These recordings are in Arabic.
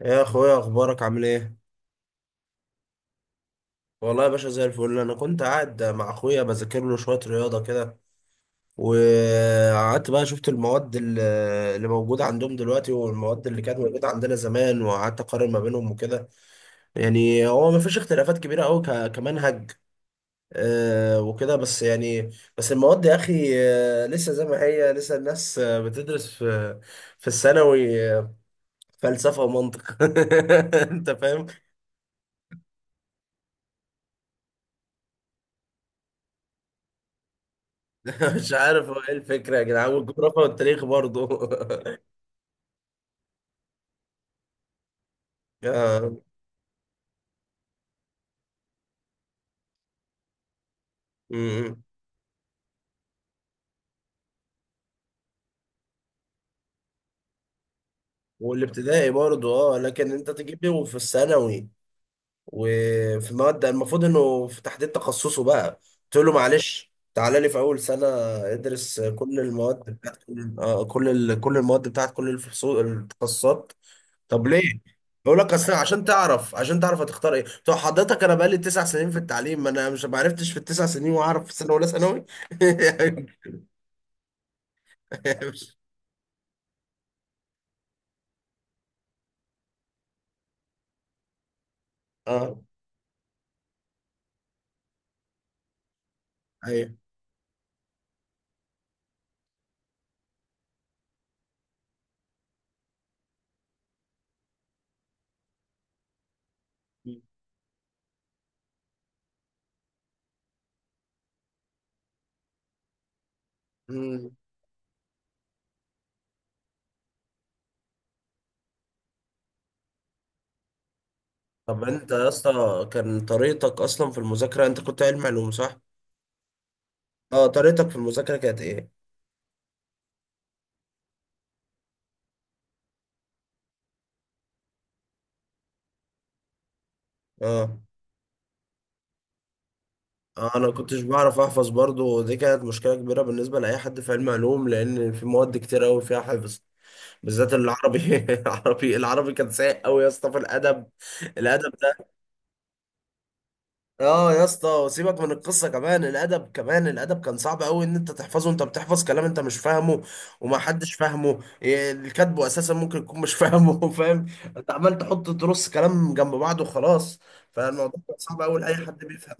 يا اخويا، اخبارك عامل ايه؟ والله يا باشا زي الفل. انا كنت قاعد مع اخويا بذاكر له شويه رياضه كده، وقعدت بقى شفت المواد اللي موجوده عندهم دلوقتي، والمواد اللي كانت موجوده عندنا زمان، وقعدت اقارن ما بينهم وكده. يعني هو ما فيش اختلافات كبيره قوي كمنهج، وكده بس يعني. بس المواد يا اخي، لسه زي ما هي، لسه الناس بتدرس في الثانوي، فلسفه ومنطق. انت فاهم. مش عارف هو ايه الفكرة يا جدعان، والجغرافيا والتاريخ برضه. آه، أمم. والابتدائي برضه، اه، لكن انت تجيب لي وفي الثانوي، وفي مواد المفروض انه في تحديد تخصصه بقى. قلت له معلش تعالى لي في اول سنة ادرس كل المواد بتاعت كل المواد بتاعت كل الفصول التخصصات. طب ليه؟ بقول لك اصل عشان تعرف، هتختار ايه. طب حضرتك انا بقالي 9 سنين في التعليم، ما انا مش ما عرفتش في ال9 سنين، واعرف في سنه ولا ثانوي؟ اه. ايوه. مم. طب انت يا اسطى، كان طريقتك اصلا في المذاكره، انت كنت علم علوم، صح؟ اه، طريقتك في المذاكره كانت ايه؟ اه، انا كنتش بعرف احفظ برضو، ودي كانت مشكله كبيره بالنسبه لاي حد في علم علوم، لان في مواد كتير قوي فيها حفظ، بالذات العربي. العربي كان سيء قوي يا اسطى في الادب، الادب اه يا اسطى، وسيبك من القصه، كمان الادب، كان صعب قوي، ان انت تحفظه، انت بتحفظ كلام انت مش فاهمه، وما حدش فاهمه، اللي كاتبه اساسا ممكن يكون مش فاهمه. فاهم؟ انت عمال تحط ترص كلام جنب بعض وخلاص، فالموضوع كان صعب قوي لاي حد بيفهم.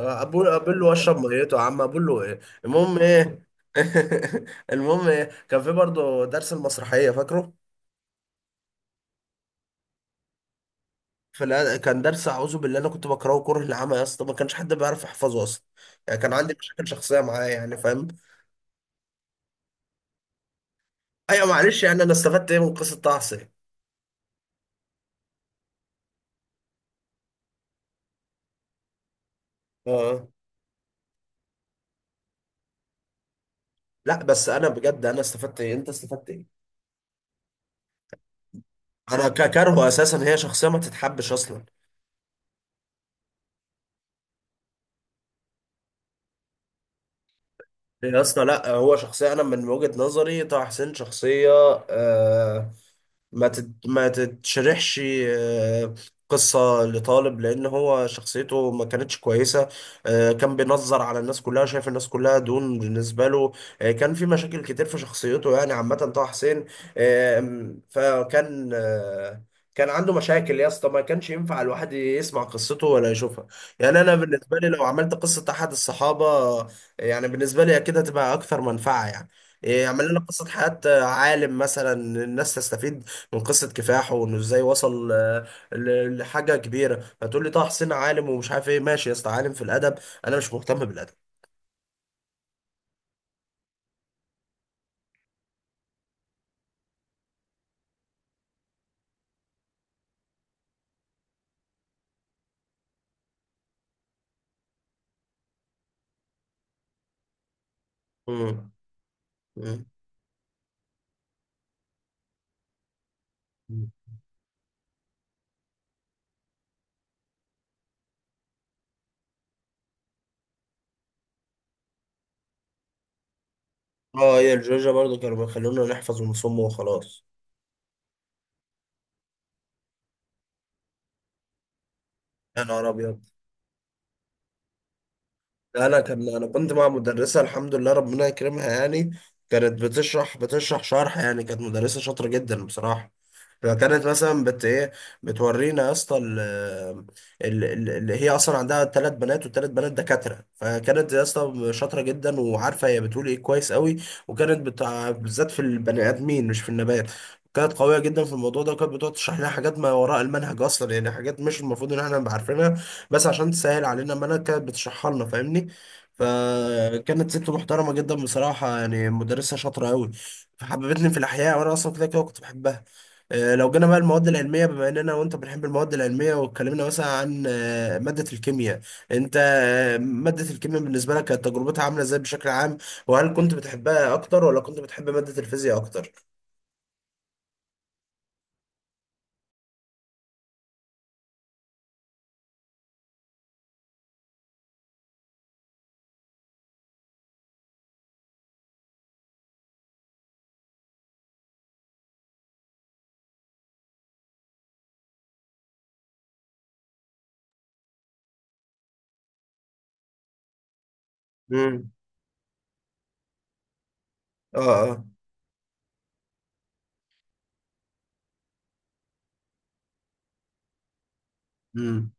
اقول له اشرب ميته يا عم، اقول له ايه، المهم ايه. المهم ايه، كان في برضه درس المسرحيه، فاكره؟ فلا، كان درس اعوذ بالله، انا كنت بكرهه كره العمى يا اسطى، ما كانش حد بيعرف يحفظه اصلا، يعني كان عندي مشاكل شخصيه معاه يعني، فاهم. ايوه، معلش، يعني انا استفدت ايه من قصه طه يعني. اه، لا بس انا بجد، انا استفدت ايه، انت استفدت ايه؟ انا ككرهه اساسا، هي شخصيه ما تتحبش اصلا. يا اسطى، لا هو شخصيه، انا من وجهه نظري طه حسين شخصيه آه ما تتشرحش. آه، قصة لطالب، لأن هو شخصيته ما كانتش كويسة. كان بينظر على الناس كلها، شايف الناس كلها دون بالنسبة له. كان في مشاكل كتير في شخصيته، يعني عامة طه حسين. آه، فكان آه، كان عنده مشاكل يا اسطى، ما كانش ينفع الواحد يسمع قصته ولا يشوفها. يعني أنا بالنسبة لي لو عملت قصة أحد الصحابة، آه، يعني بالنسبة لي أكيد هتبقى أكثر منفعة يعني. اعمل لنا قصة حياة عالم مثلا، الناس تستفيد، وقصة كفاحه، وانه ازاي وصل لحاجة كبيرة. هتقول لي طه حسين عالم ومش عارف ايه، ماشي يا اسطى، عالم في الأدب، انا مش مهتم بالأدب. مم. مم. اه، هي الجورجيا برضو كانوا بيخلونا نحفظ ونصم وخلاص. يا نهار أبيض، انا كنت مع مدرسه، الحمد لله ربنا يكرمها يعني، كانت بتشرح شرح، يعني كانت مدرسه شاطره جدا بصراحه. فكانت مثلا بت ايه بتورينا يا اسطى اللي هي اصلا عندها 3 بنات، وال3 بنات دكاتره. فكانت يا اسطى شاطره جدا، وعارفه هي بتقول ايه كويس قوي. وكانت بتاع بالذات في البني ادمين، مش في النبات، كانت قوية جدا في الموضوع ده. وكانت بتقعد تشرح لنا حاجات ما وراء المنهج أصلا، يعني حاجات مش المفروض إن احنا نبقى عارفينها، بس عشان تسهل علينا، ما انا كانت بتشرحها لنا، فاهمني. فكانت ست محترمة جدا بصراحة، يعني مدرسة شاطرة أوي. فحببتني في الأحياء، وأنا أصلا كده كده كنت بحبها. لو جينا بقى المواد العلمية، بما إننا وأنت بنحب المواد العلمية، واتكلمنا مثلا عن مادة الكيمياء، أنت مادة الكيمياء بالنسبة لك كانت تجربتها عاملة إزاي بشكل عام، وهل كنت بتحبها أكتر ولا كنت بتحب مادة الفيزياء أكتر؟ مم. آه، آه. مم.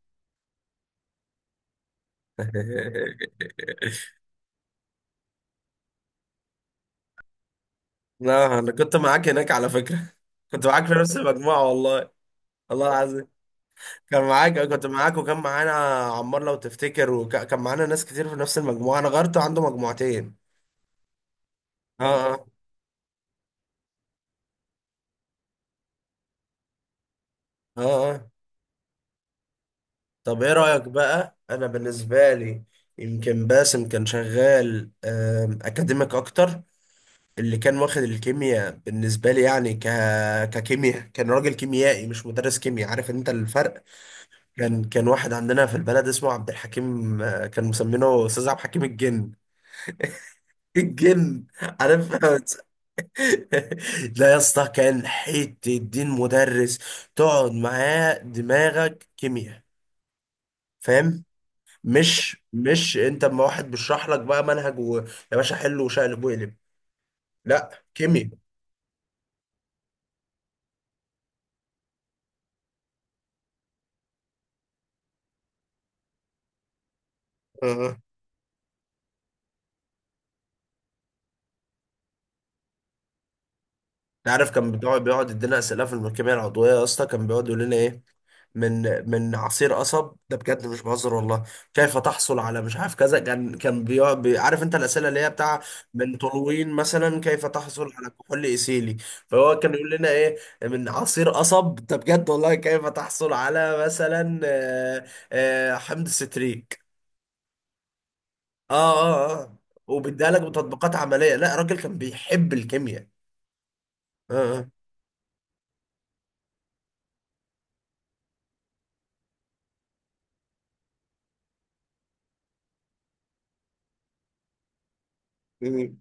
لا، أنا كنت معاك هناك على فكرة. كنت معاك في نفس المجموعة والله. الله العظيم، كان معاك كنت معاك، وكان معانا عمار لو تفتكر، وكان معانا ناس كتير في نفس المجموعة، انا غيرته عنده مجموعتين. اه، اه، اه، اه. طب ايه رأيك بقى، انا بالنسبة لي يمكن باسم كان شغال اكاديميك اكتر، اللي كان واخد الكيمياء بالنسبة لي يعني ككيمياء، كان راجل كيميائي، مش مدرس كيمياء، عارف انت الفرق؟ كان واحد عندنا في البلد اسمه عبد الحكيم، كان مسمينه استاذ عبد الحكيم الجن. الجن، عارف. لا يا اسطى، كان حته الدين مدرس، تقعد معاه دماغك كيمياء، فاهم، مش انت. اما واحد بيشرح لك بقى منهج يا باشا، حل وشقلب وقلب. لا، كيمياء. عارف، كان بيقعد يدينا اسئله في الملكيه العضويه يا اسطى، كان بيقعد يقول لنا ايه، من من عصير قصب، ده بجد مش بهزر والله، كيف تحصل على مش عارف كذا. كان بيقعد عارف انت الاسئله اللي هي بتاع من طولوين مثلا، كيف تحصل على كحول ايثيلي. فهو كان يقول لنا ايه، من عصير قصب، ده بجد والله. كيف تحصل على مثلا حمض ستريك. اه، اه، اه، وبيديها لك بتطبيقات عمليه، لا الراجل كان بيحب الكيمياء. اه، اه. مم.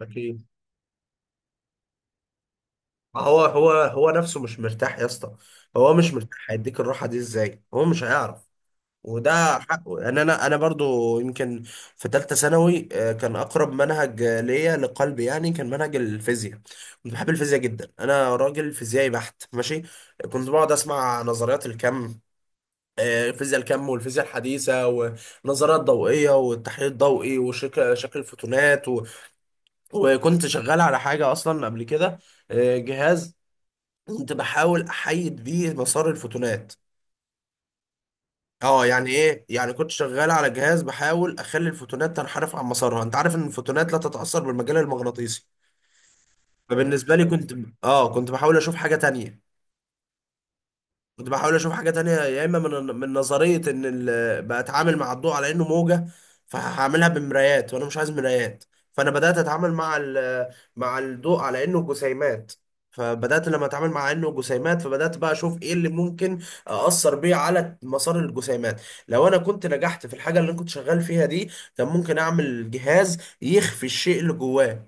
اكيد، ما هو نفسه مش مرتاح يا اسطى، هو مش مرتاح، هيديك الراحه دي ازاي؟ هو مش هيعرف، وده حقه يعني. انا برضو يمكن في ثالثه ثانوي كان اقرب منهج ليا لقلبي، يعني كان منهج الفيزياء. كنت بحب الفيزياء جدا، انا راجل فيزيائي بحت، ماشي. كنت بقعد اسمع نظريات الكم، فيزياء الكم والفيزياء الحديثة، ونظريات ضوئية، والتحليل الضوئي، وشكل الفوتونات وكنت شغال على حاجة أصلا قبل كده، جهاز كنت بحاول احيد بيه مسار الفوتونات. اه، يعني ايه يعني، كنت شغال على جهاز بحاول اخلي الفوتونات تنحرف عن مسارها، انت عارف ان الفوتونات لا تتاثر بالمجال المغناطيسي. فبالنسبه لي كنت بحاول اشوف حاجه تانية، كنت بحاول اشوف حاجه تانية. يا اما من نظريه ان بتعامل مع الضوء على انه موجه، فهعملها بمرايات، وانا مش عايز مرايات. فانا بدات اتعامل مع مع الضوء على انه جسيمات. فبدات لما اتعامل مع انه جسيمات، فبدات بقى اشوف ايه اللي ممكن اثر بيه على مسار الجسيمات. لو انا كنت نجحت في الحاجه اللي انا كنت شغال فيها دي، كان ممكن اعمل جهاز يخفي الشيء اللي جواه.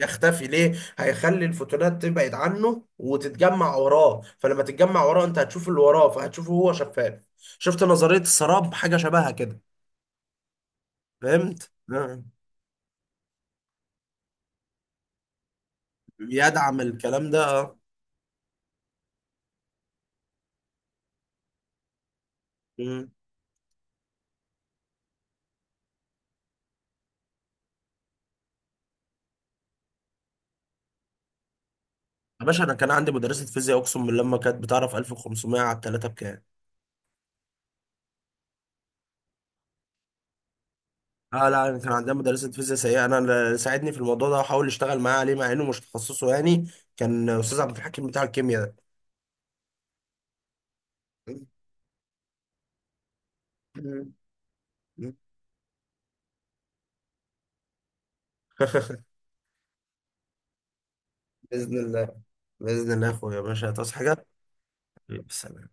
يختفي ليه؟ هيخلي الفوتونات تبعد عنه وتتجمع وراه، فلما تتجمع وراه انت هتشوف اللي وراه، فهتشوفه هو شفاف. شفت نظرية السراب، حاجة شبهها كده. فهمت، نعم. يدعم الكلام ده. مم. يا باشا، انا كان عندي مدرسة فيزياء اقسم بالله ما كانت بتعرف 1500 على الثلاثة بكام. اه لا، انا كان عندنا مدرسة فيزياء سيئة، انا اللي ساعدني في الموضوع ده وحاول اشتغل معاه عليه، مع انه مش تخصصه يعني، كان استاذ عبد الحكيم بتاع الكيمياء ده. مم. بإذن الله، بإذن الله يا أخويا، يا باشا تصحى حاجة. يلا، سلام.